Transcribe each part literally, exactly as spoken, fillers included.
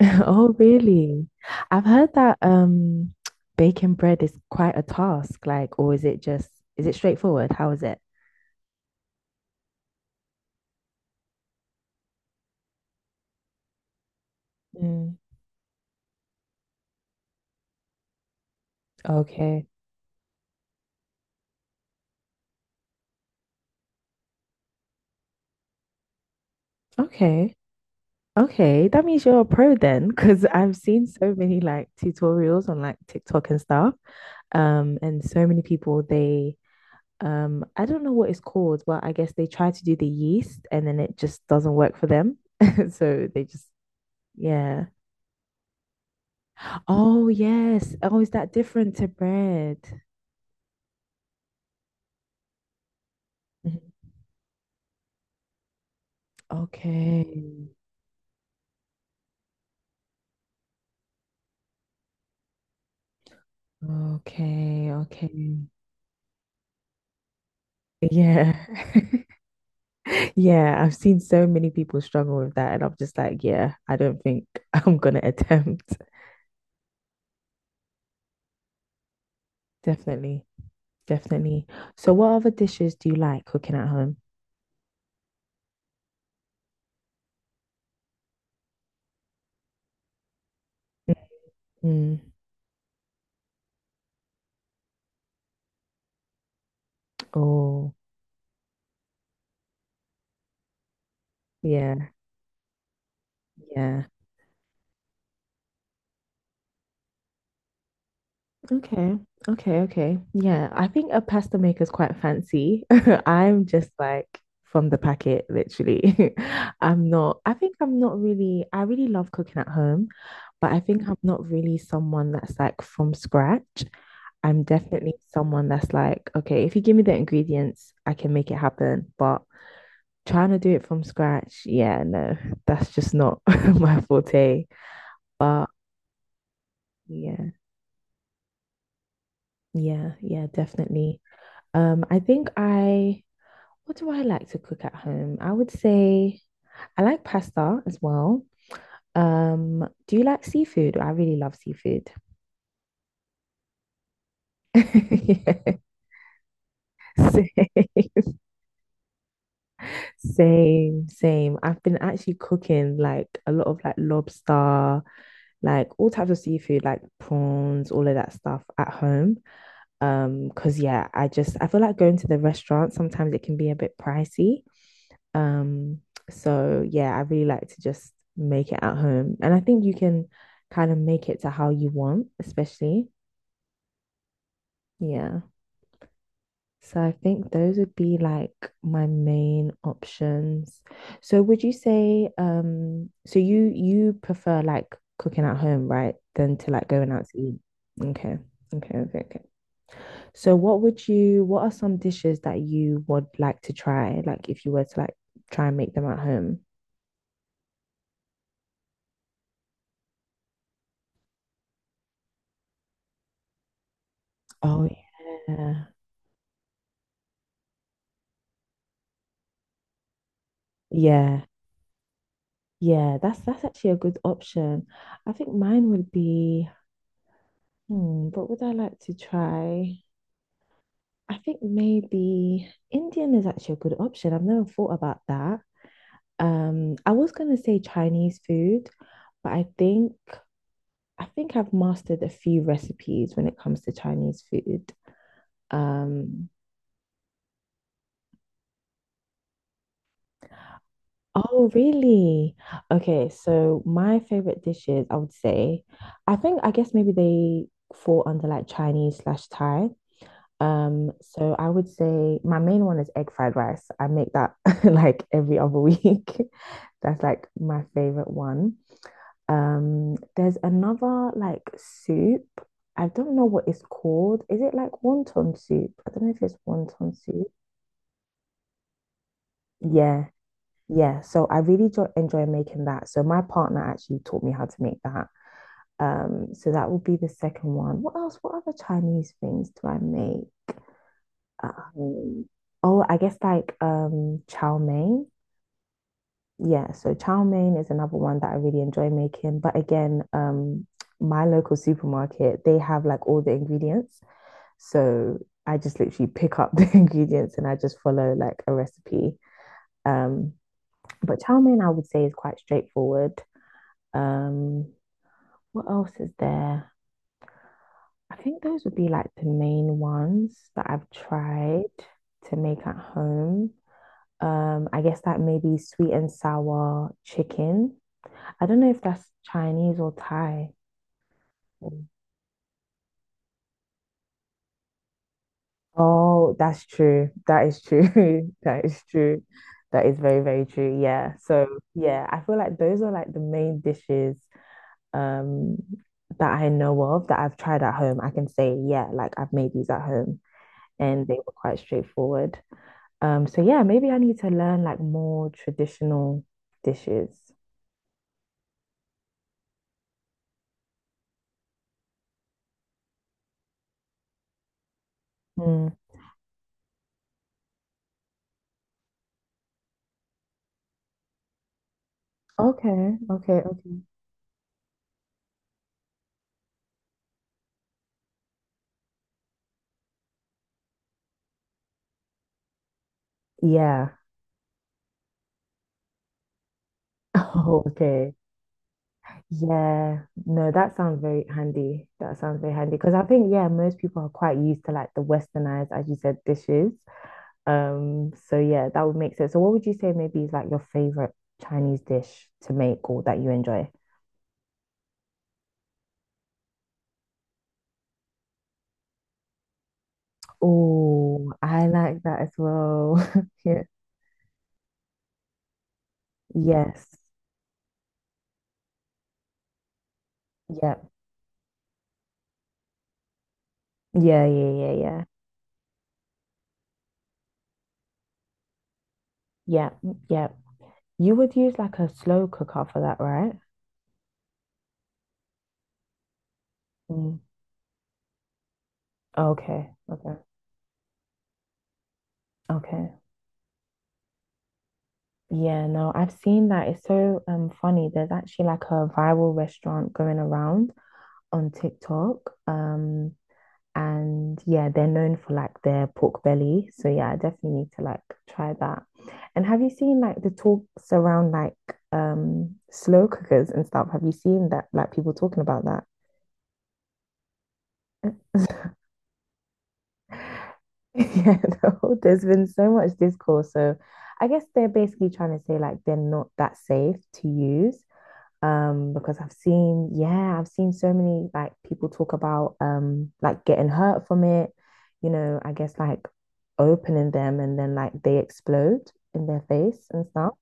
Oh, really? I've heard that um baking bread is quite a task, like, or is it just is it straightforward? How is it? Mm, okay. Okay. Okay. That means you're a pro then, because I've seen so many like tutorials on like TikTok and stuff. Um, and so many people they um I don't know what it's called, but I guess they try to do the yeast and then it just doesn't work for them. So they just yeah. Oh, yes. Oh, is that different to bread? Mhm. Okay. Okay. Okay. Yeah. Yeah. I've seen so many people struggle with that. And I'm just like, yeah, I don't think I'm gonna attempt. Definitely. Definitely. So what other dishes do you like cooking at home? Mm. Oh, yeah. Yeah. Okay. Okay. Okay. Yeah. I think a pasta maker is quite fancy. I'm just like from the packet, literally. I'm not, I think I'm not really, I really love cooking at home, but I think I'm not really someone that's like from scratch. I'm definitely someone that's like, okay, if you give me the ingredients, I can make it happen. But trying to do it from scratch, yeah, no, that's just not my forte. But yeah, yeah, yeah, definitely. Um, I think I what do I like to cook at home? I would say I like pasta as well. Um, do you like seafood? I really love seafood. Yeah. Same, same, same. I've been actually cooking like a lot of like lobster, like all types of seafood, like prawns, all of that stuff at home. Um, because yeah, I just I feel like going to the restaurant sometimes it can be a bit pricey. Um, so yeah, I really like to just make it at home. And I think you can kind of make it to how you want, especially. Yeah. So I think those would be like my main options. So would you say um so you you prefer like cooking at home, right? Than to like going out to eat. Okay. Okay, okay, okay. So what would you what are some dishes that you would like to try, like if you were to like try and make them at home? Oh yeah. Yeah, yeah, that's that's actually a good option. I think mine would be, hmm, what would I like to try? I think maybe Indian is actually a good option. I've never thought about that. Um, I was gonna say Chinese food, but I think I think I've mastered a few recipes when it comes to Chinese food. Um, oh really? Okay, so my favorite dishes, I would say, I think I guess maybe they fall under like Chinese slash Thai. Um, so I would say my main one is egg fried rice. I make that like every other week. That's like my favorite one. Um, there's another like soup. I don't know what it's called. Is it like wonton soup? I don't know if it's wonton soup. Yeah, yeah. So I really jo enjoy making that. So my partner actually taught me how to make that. Um, so that will be the second one. What else? What other Chinese things do I make? Um, oh, I guess like um chow mein. Yeah, so chow mein is another one that I really enjoy making. But again, um, my local supermarket, they have like all the ingredients. So I just literally pick up the ingredients and I just follow like a recipe. Um, but chow mein I would say is quite straightforward. Um, what else is there? I think those would be like the main ones that I've tried to make at home. Um, I guess that may be sweet and sour chicken. I don't know if that's Chinese or Thai. Oh, that's true. That is true. That is true. That is very, very true. Yeah. So, yeah, I feel like those are like the main dishes um that I know of that I've tried at home. I can say, yeah, like I've made these at home and they were quite straightforward. Um, so yeah, maybe I need to learn like more traditional dishes. Mm. Okay, okay, okay. Yeah. Oh, okay. Yeah. No, that sounds very handy. That sounds very handy because I think, yeah, most people are quite used to like the westernized, as you said, dishes. Um, so yeah, that would make sense. So what would you say maybe is like your favorite Chinese dish to make or that you enjoy? Oh, I like that as well. Yeah. Yes. Yeah. Yeah, yeah, yeah, yeah. Yeah, mm, yeah. You would use like a slow cooker for that, right? Mm. Okay. Okay. Okay. Yeah, no, I've seen that. It's so um funny. There's actually like a viral restaurant going around on TikTok. Um, and yeah, they're known for like their pork belly. So yeah, I definitely need to like try that. And have you seen like the talks around like um slow cookers and stuff? Have you seen that like people talking about that? Yeah, no, there's been so much discourse. So I guess they're basically trying to say like they're not that safe to use. Um, because I've seen, yeah, I've seen so many like people talk about um like getting hurt from it, you know, I guess like opening them and then like they explode in their face and stuff.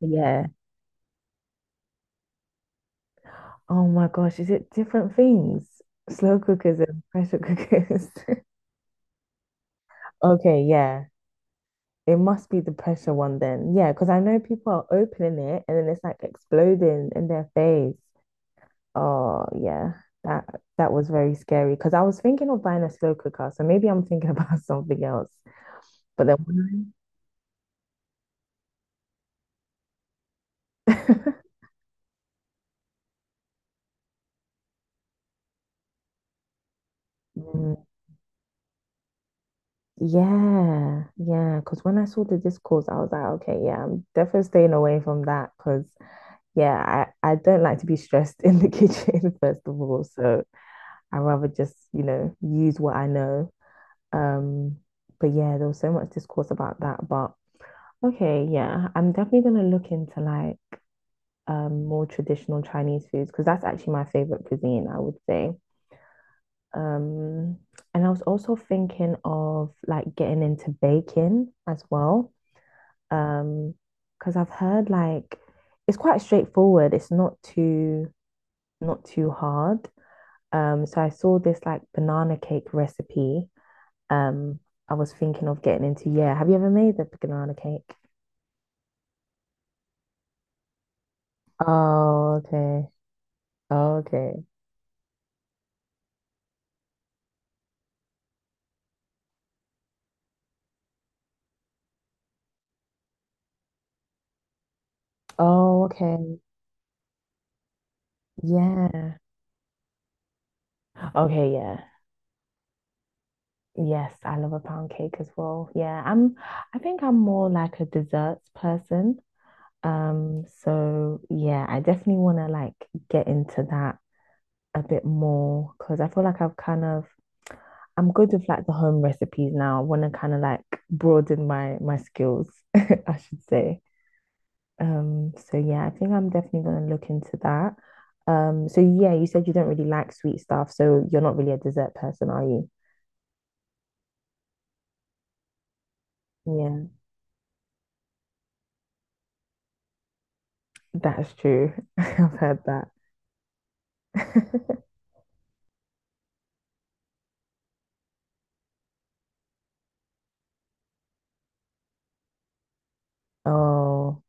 Yeah. Oh my gosh, is it different things? Slow cookers and pressure cookers. Okay, yeah. It must be the pressure one then. Yeah, because I know people are opening it and then it's like exploding in their face. Oh yeah, that that was very scary because I was thinking of buying a slow cooker, so maybe I'm thinking about something else. But then when I- Mm, yeah, yeah, because when I saw the discourse, I was like, okay, yeah, I'm definitely staying away from that because yeah, I I don't like to be stressed in the kitchen first of all, so I rather just you know use what I know. Um, but yeah, there was so much discourse about that, but okay, yeah, I'm definitely gonna look into like um, more traditional Chinese foods because that's actually my favorite cuisine, I would say. Um, and I was also thinking of like getting into baking as well. Um, because I've heard like it's quite straightforward. It's not too not too hard. Um, so I saw this like banana cake recipe. Um, I was thinking of getting into. Yeah, have you ever made the banana cake? Oh, okay. Okay. Oh, okay. Yeah. Okay, yeah. Yes, I love a pound cake as well. Yeah, I'm I think I'm more like a desserts person. Um, so yeah, I definitely want to like get into that a bit more because I feel like I've kind of I'm good with like the home recipes now. I want to kind of like broaden my my skills, I should say. Um, so yeah, I think I'm definitely going to look into that. Um, so yeah, you said you don't really like sweet stuff, so you're not really a dessert person, are you? Yeah, that is true. I've heard that. Oh,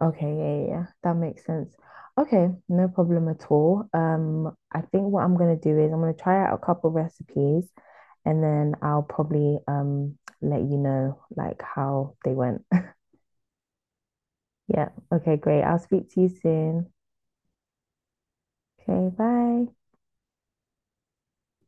okay, yeah, yeah, yeah. That makes sense. Okay, no problem at all. Um, I think what I'm gonna do is I'm gonna try out a couple recipes and then I'll probably um let you know like how they went. Yeah, okay, great. I'll speak to you soon. Okay, bye.